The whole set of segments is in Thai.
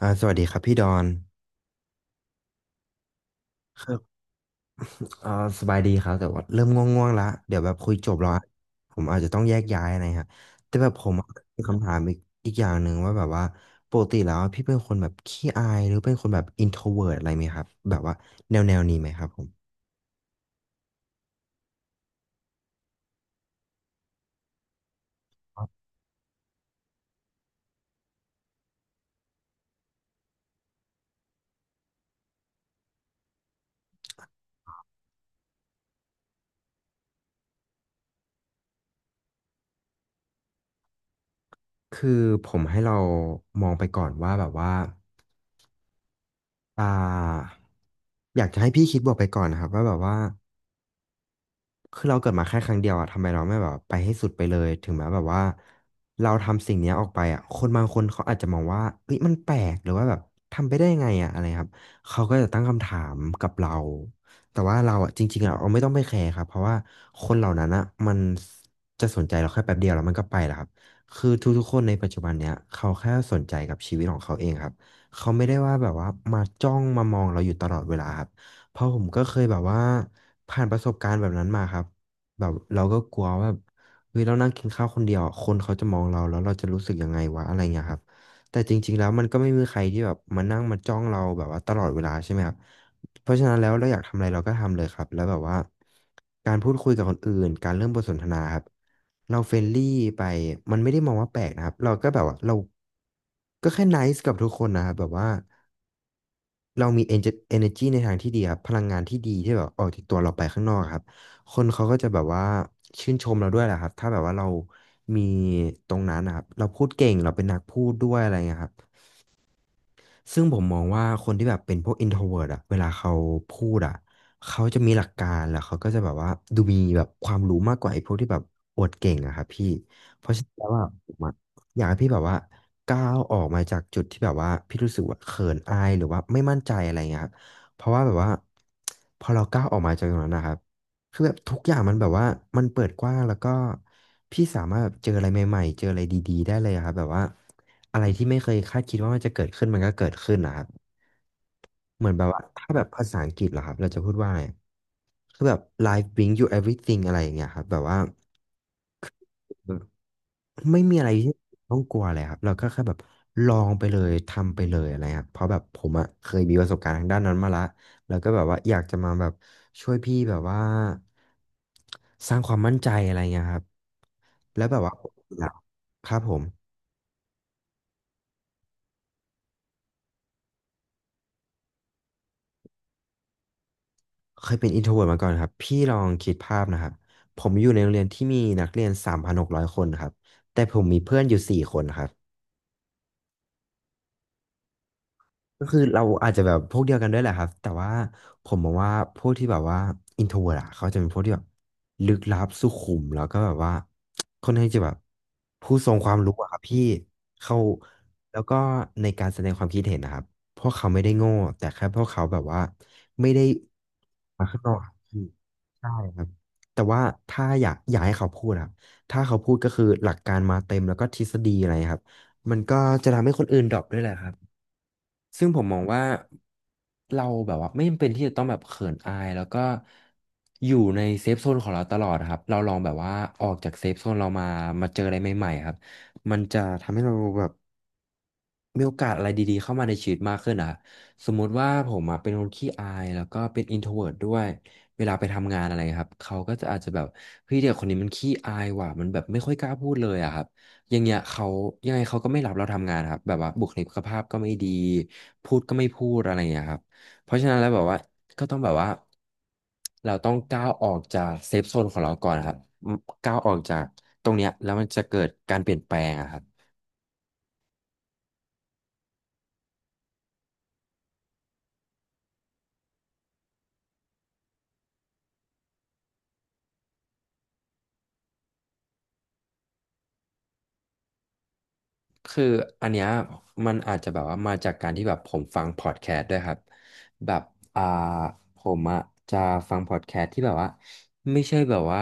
สวัสดีครับพี่ดอนครับอ่าสบายดีครับแต่ว่าเริ่มง่วงๆละเดี๋ยวแบบคุยจบแล้วอะผมอาจจะต้องแยกย้ายอะไรฮะแต่แบบผมมีคำถามอีกอีกอย่างหนึ่งว่าแบบว่าปกติแล้วพี่เป็นคนแบบขี้อายหรือเป็นคนแบบอินโทรเวิร์อะไรไหมครับแบบว่าแนวนี้ไหมครับผมคือผมให้เรามองไปก่อนว่าแบบว่าอ่าอยากจะให้พี่คิดบวกไปก่อนนะครับว่าแบบว่า คือเราเกิดมาแค่ครั้งเดียวอะทำไมเราไม่แบบไปให้สุดไปเลยถึงแม้แบบว่าเราทำสิ่งเนี้ยออกไปอะคนบางคนเขาอาจจะมองว่าเอ้ยมันแปลกหรือว่าแบบทำไปได้ยังไงอะอะไรครับเขาก็จะตั้งคำถามกับเราแต่ว่าเราอะจริงๆเราไม่ต้องไปแคร์ครับเพราะว่าคนเหล่านั้นอะมันจะสนใจเราแค่แป๊บเดียวแล้วมันก็ไปแล้วครับคือทุกๆคนในปัจจุบันเนี้ยเขาแค่สนใจกับชีวิตของเขาเองครับเขาไม่ได้ว่าแบบว่ามาจ้องมามองเราอยู่ตลอดเวลาครับ เพราะผมก็เคยแบบว่าผ่านประสบการณ์แบบนั้นมาครับแบบเราก็กลัวว่าแบบเฮ้ยเรานั่งกินข้าวคนเดียวคนเขาจะมองเราแล้วเราจะรู้สึกยังไงวะอะไรเงี้ยครับแต่จริงๆแล้วมันก็ไม่มีใครที่แบบมานั่งมาจ้องเราแบบว่าตลอดเวลาใช่ไหมครับเพราะฉะนั้นแล้วเราอยากทำอะไรเราก็ทำเลยครับแล้วแบบว่าการพูดคุยกับคนอื่นการเริ่มบทสนทนาครับเราเฟรนลี่ไปมันไม่ได้มองว่าแปลกนะครับเราก็แบบว่าเราก็แค่ไนซ์กับทุกคนนะครับแบบว่า เรามี energy ในทางที่ดีครับพลังงานที่ดีที่แบบออกจากตัวเราไปข้างนอกครับคนเขาก็จะแบบว่าชื่นชมเราด้วยแหละครับถ้าแบบว่าเรามีตรงนั้นนะครับเราพูดเก่งเราเป็นนักพูดด้วยอะไรเงี้ยครับ ซึ่งผมมองว่าคนที่แบบเป็นพวก introvert อะเวลาเขาพูดอะเขาจะมีหลักการแล้วเขาก็จะแบบว่าดูมีแบบความรู้มากกว่าไอ้พวกที่แบบอวดเก่งอะครับพี่เพราะฉะนั้นแล้วว่าผมอะอยากให้พี่แบบว่าก้าวออกมาจากจุดที่แบบว่าพี่รู้สึกว่าเขินอายหรือว่าไม่มั่นใจอะไรเงี้ยครับเพราะว่าแบบว่าพอเราก้าวออกมาจากตรงนั้นนะครับคือแบบทุกอย่างมันแบบว่ามันเปิดกว้างแล้วก็พี่สามารถแบบเจออะไรใหม่ๆเจออะไรดีๆได้เลยอะครับแบบว่า อะไรที่ไม่เคยคาดคิดว่ามันจะเกิดขึ้นมันก็เกิดขึ้นนะครับเหมือนแบบว่าถ้าแบบภาษาอังกฤษเหรอครับเราจะพูดว่าอะไรคือแบบ life bring you everything อะไรอย่างเงี้ยครับแบบว่าไม่มีอะไรที่ต้องกลัวเลยครับเราก็แค่แบบลองไปเลยทำไปเลยอะไรครับเพราะแบบผมอะเคยมีประสบการณ์ทางด้านนั้นมาละแล้วก็แบบว่าอยากจะมาแบบช่วยพี่แบบว่าสร้างความมั่นใจอะไรเงี้ยครับแล้วแบบว่าครับผม เคยเป็นอินโทรเวิร์ตมาก่อนครับพี่ลองคิดภาพนะครับผมอยู่ในโรงเรียนที่มีนักเรียน3,600คนครับแต่ผมมีเพื่อนอยู่สี่คนครับก็คือเราอาจจะแบบพวกเดียวกันด้วยแหละครับแต่ว่าผมมองว่าพวกที่แบบว่าอินโทรเวิร์ตอะเขาจะเป็นพวกที่แบบลึกลับสุขุมแล้วก็แบบว่าค่อนข้างจะแบบผู้ทรงความรู้อะครับพี่เขาแล้วก็ในการแสดงความคิดเห็นนะครับพวกเขาไม่ได้โง่แต่แค่พวกเขาแบบว่าไม่ได้ มาข้างนอกครับพี่ใช่ครับแต่ว่าถ้าอยากอยากให้เขาพูดครับถ้าเขาพูดก็คือหลักการมาเต็มแล้วก็ทฤษฎีอะไรครับมันก็จะทำให้คนอื่นดรอปด้วยแหละครับซึ่งผมมองว่าเราแบบว่าไม่จำเป็นที่จะต้องแบบเขินอายแล้วก็อยู่ในเซฟโซนของเราตลอดครับเราลองแบบว่าออกจากเซฟโซนเรามามาเจออะไรใหม่ๆครับมันจะทำให้เราแบบ มีโอกาสอะไรดีๆเข้ามาในชีวิตมากขึ้นอะสมมุติว่าผมอะเป็นคนขี้อายแล้วก็เป็น introvert ด้วยเวลาไปทำงานอะไรครับเขาก็จะอาจจะแบบเฮ้ยเด็กคนนี้มันขี้อายว่ะมันแบบไม่ค่อยกล้าพูดเลยอะครับอย่างเงี้ยเขายังไงเขาก็ไม่รับเราทำงานครับแบบว่าบุคลิกภาพก็ไม่ดีพูดก็ไม่พูดอะไรอย่างเงี้ยครับเพราะฉะนั้นแล้วแบบว่าก็ต้องแบบว่าเราต้องก้าวออกจากเซฟโซนของเราก่อนครับก้าวออกจากตรงเนี้ยแล้วมันจะเกิดการเปลี่ยนแปลงอะครับ คืออันเนี้ยมันอาจจะแบบว่ามาจากการที่แบบผมฟังพอดแคสต์ด้วยครับแบบอ่าผมอะจะฟังพอดแคสต์ที่แบบว่าไม่ใช่แบบว่า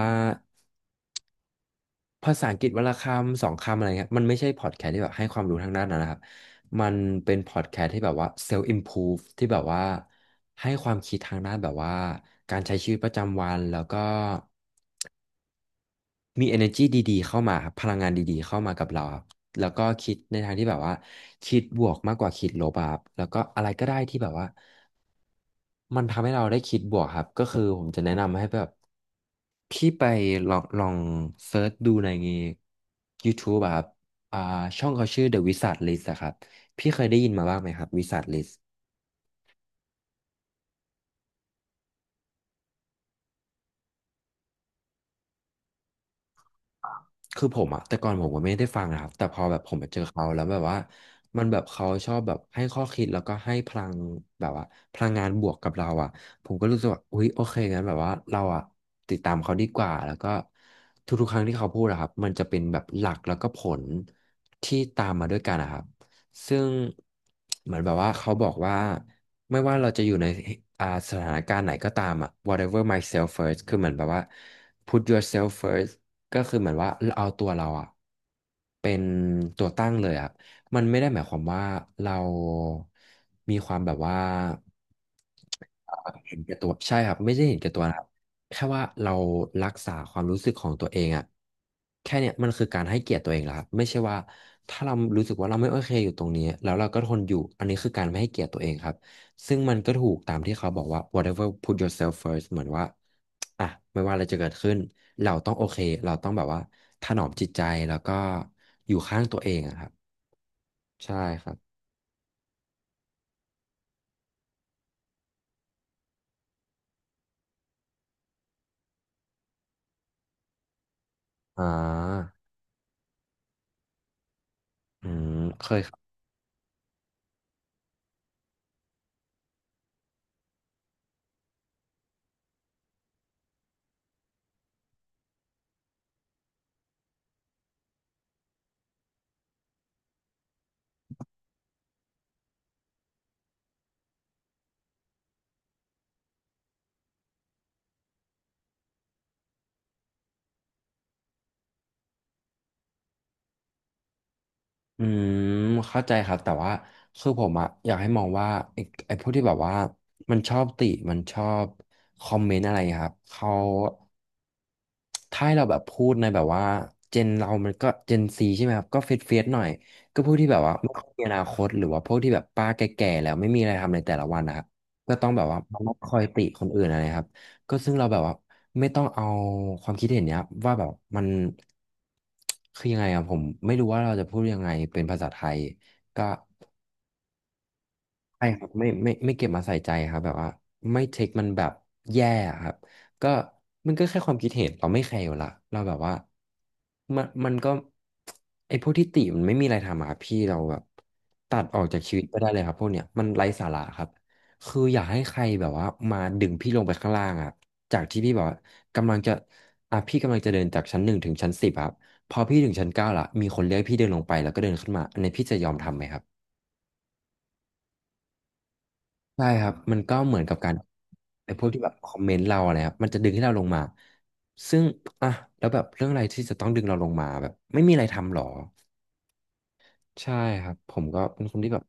ภาษาอังกฤษวันละคำสองคำอะไรเงี้ยมันไม่ใช่พอดแคสต์ที่แบบให้ความรู้ทางด้านนั้นนะครับมันเป็นพอดแคสต์ที่แบบว่าเซลฟ์อิมพูฟที่แบบว่าให้ความคิดทางด้านแบบว่าการใช้ชีวิตประจำวันแล้วก็ มี energy ดีๆ เข้ามาครับพลังงานดีๆ เข้ามากับเราครับแล้วก็คิดในทางที่แบบว่าคิดบวกมากกว่าคิดลบอะครับแล้วก็อะไรก็ได้ที่แบบว่ามันทำให้เราได้คิดบวกครับก็คือผมจะแนะนำให้แบบพี่ไปลองเซิร์ชดูใน YouTube อะครับอ่าช่องเขาชื่อ The Wizard List อะครับพี่เคยได้ยินมาบ้างไหมครับ Wizard List คือผมอะแต่ก่อนผมก็ไม่ได้ฟังนะครับแต่พอแบบผมไปเจอเขาแล้วแบบว่ามันแบบเขาชอบแบบให้ข้อคิดแล้วก็ให้พลังแบบว่าพลังงานบวกกับเราอะผมก็รู้สึกว่าอุ๊ยโอเคงั้นแบบว่าเราอะติดตามเขาดีกว่าแล้วก็ทุกๆครั้งที่เขาพูดอะครับมันจะเป็นแบบหลักแล้วก็ผลที่ตามมาด้วยกันนะครับซึ่งเหมือนแบบว่าเขาบอกว่าไม่ว่าเราจะอยู่ในอ่าสถานการณ์ไหนก็ตามอะ whatever myself first คือเหมือนแบบว่า put yourself first ก็คือเหมือนว่าเราเอาตัวเราอะเป็นตัวตั้งเลยอะมันไม่ได้หมายความว่าเรามีความแบบว่าเห็นแก่ตัวใช่ครับไม่ใช่เห็นแก่ตัวนะครับแค่ว่าเรารักษาความรู้สึกของตัวเองอะแค่เนี้ยมันคือการให้เกียรติตัวเองแล้วครับไม่ใช่ว่าถ้าเรารู้สึกว่าเราไม่โอเคอยู่ตรงนี้แล้วเราก็ทนอยู่อันนี้คือการไม่ให้เกียรติตัวเองครับ ซึ่งมันก็ถูกตามที่เขาบอกว่า whatever put yourself first เหมือนว่าอ่ะไม่ว่าอะไรจะเกิดขึ้นเราต้องโอเคเราต้องแบบว่าถนอมจิตใจแล้วก็อยู่ข้างตัวเองอะครับใช่ครับอ่าอืมเคย อืมเข้าใจครับแต่ว่าคือผมอะอยากให้มองว่าไอ้ไอ้พวกที่แบบว่ามันชอบติมันชอบคอมเมนต์อะไรครับเขาถ้าให้เราแบบพูดในแบบว่าเจนเรามันก็เจนซีใช่ไหมครับก็เฟดหน่อยก็พวกที่แบบว่าไม่ค่อยมีอนาคตหรือว่าพวกที่แบบป้าแก่ๆแล้วไม่มีอะไรทำในแต่ละวันนะครับก็ต้องแบบว่า มาคอยติคนอื่นอะไรครับ ก็ซึ่งเราแบบว่าไม่ต้องเอาความคิดเห็นเนี้ยว่าแบบมันคือยังไงอะผมไม่รู้ว่าเราจะพูดยังไงเป็นภาษาไทยก็ ใช่ครับไม่ไม่เก็บมาใส่ใจครับแบบว่าไม่เทคมันแบบแย่อะครับก็มันก็แค่ความคิดเห็นเราไม่แคร์อยู่ละเราแบบว่ามันก็ไอ้พวกที่ติมันไม่มีอะไรทำอะครับพี่เราแบบตัดออกจากชีวิตไปได้เลยครับพวกเนี้ยมันไร้สาระครับคืออยากให้ใครแบบว่ามาดึงพี่ลงไปข้างล่างอะจากที่พี่แบบว่ากำลังจะอ่ะพี่กำลังจะเดินจากชั้นหนึ่งถึงชั้นสิบครับพอพี่ถึงชั้นเก้าละมีคนเรียกให้พี่เดินลงไปแล้วก็เดินขึ้นมาอันนี้พี่จะยอมทำไหมครับ ใช่ครับมันก็เหมือนกับการไอ้พวกที่แบบคอมเมนต์เราอะไรครับมันจะดึงให้เราลงมาซึ่งอ่ะแล้วแบบเรื่องอะไรที่จะต้องดึงเราลงมาแบบไม่มีอะไรทำหรอใช่ครับผมก็เป็นคนที่แบบ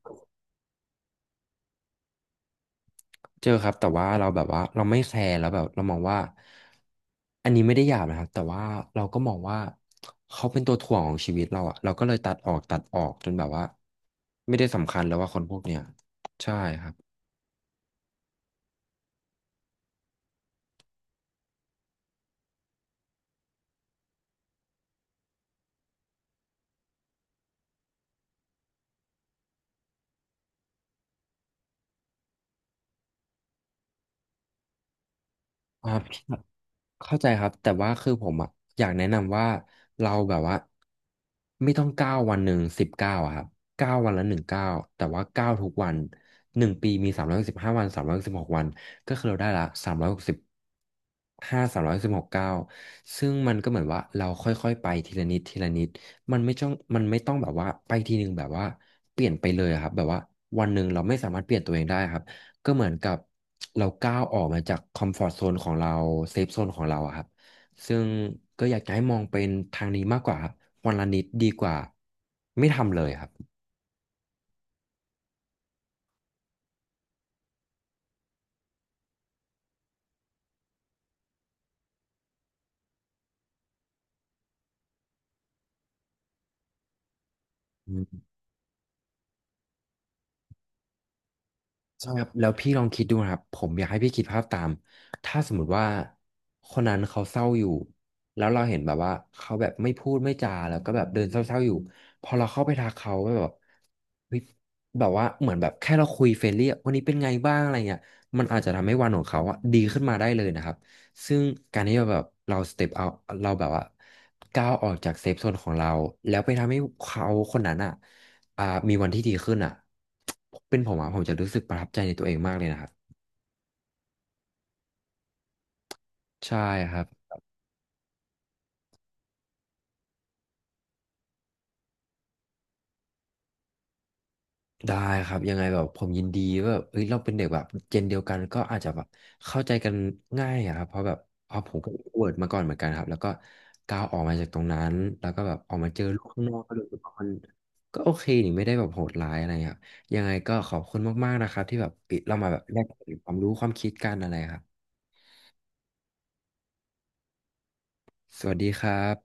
เจอครับแต่ว่าเราแบบว่าเราไม่แคร์แล้วแบบเรามองว่าอันนี้ไม่ได้หยาบนะครับแต่ว่าเราก็มองว่าเขาเป็นตัวถ่วงของชีวิตเราอะเราก็เลยตัดออกจนแบบว่าไม่ได้สำคัญแล้วว่าคนพวกเนี้ยใช่ครับอ่า เข้าใจครับแต่ว่าคือผมอ่ะอยากแนะนำว่าเราแบบว่าไม่ต้องเก้าวันหนึ่งสิบเก้าอะครับเก้าวันละหนึ่งเก้าแต่ว่าเก้าทุกวันหนึ่งปีมี315 วัน316 วันก็คือเราได้ละ365สามร้อยสิบหกเก้าซึ่งมันก็เหมือนว่าเราค่อยๆไปทีละนิดทีละนิดมันไม่ต้องมันไม่ต้องแบบว่าไปทีหนึ่งแบบว่าเปลี่ยนไปเลยอะครับแบบว่าวันหนึ่งเราไม่สามารถเปลี่ยนตัวเองได้ครับ ก็เหมือนกับเราก้าวออกมาจากคอมฟอร์ z โซนของเราเซฟโซนของเราอะครับซึ่งก็อยากจะให้มองเป็นทางนี้มากกว่าครับวันละนิดดีกว่าไม่ทำเลยครับ ใช่ครับแล้วพี่ลองคิดดูนะครับผมอยากให้พี่คิดภาพตามถ้าสมมติว่าคนนั้นเขาเศร้าอยู่แล้วเราเห็นแบบว่าเขาแบบไม่พูดไม่จาแล้วก็แบบเดินเศร้าๆอยู่พอเราเข้าไปทักเขาแบบเฮ้ยแบบว่าเหมือนแบบแค่เราคุยเฟรนลี่อะวันนี้เป็นไงบ้างอะไรเงี้ยมันอาจจะทำให้วันของเขาอะดีขึ้นมาได้เลยนะครับซึ่งการที่เราแบบเราสเต็ปเอาเราแบบว่าก้าวออกจากเซฟโซนของเราแล้วไปทำให้เขาคนนั้นอะ อ่ามีวันที่ดีขึ้นอ่ะเป็นผมอ่ะผมจะรู้สึกประทับใจในตัวเองมากเลยนะครับใช่ครับได้ครับยังไงแบบผมยินดีว่าแบบเฮ้ยเราเป็นเด็กแบบเจนเดียวกันก็อาจจะแบบเข้าใจกันง่ายอะครับเพราะผมก็เวิร์ดมาก่อนเหมือนกันครับแล้วก็ก้าวออกมาจากตรงนั้นแล้วก็แบบออกมาเจอโลูกข้างนอกก็รู้สึกว่ามันก็โอเคนี่ไม่ได้แบบโหดร้ายอะไรครับยังไงก็ขอบคุณมากๆนะครับที่แบบเรามาแบบแลกเปลี่ยนความรู้ความคิดกันอะไรครับสวัสดีครับ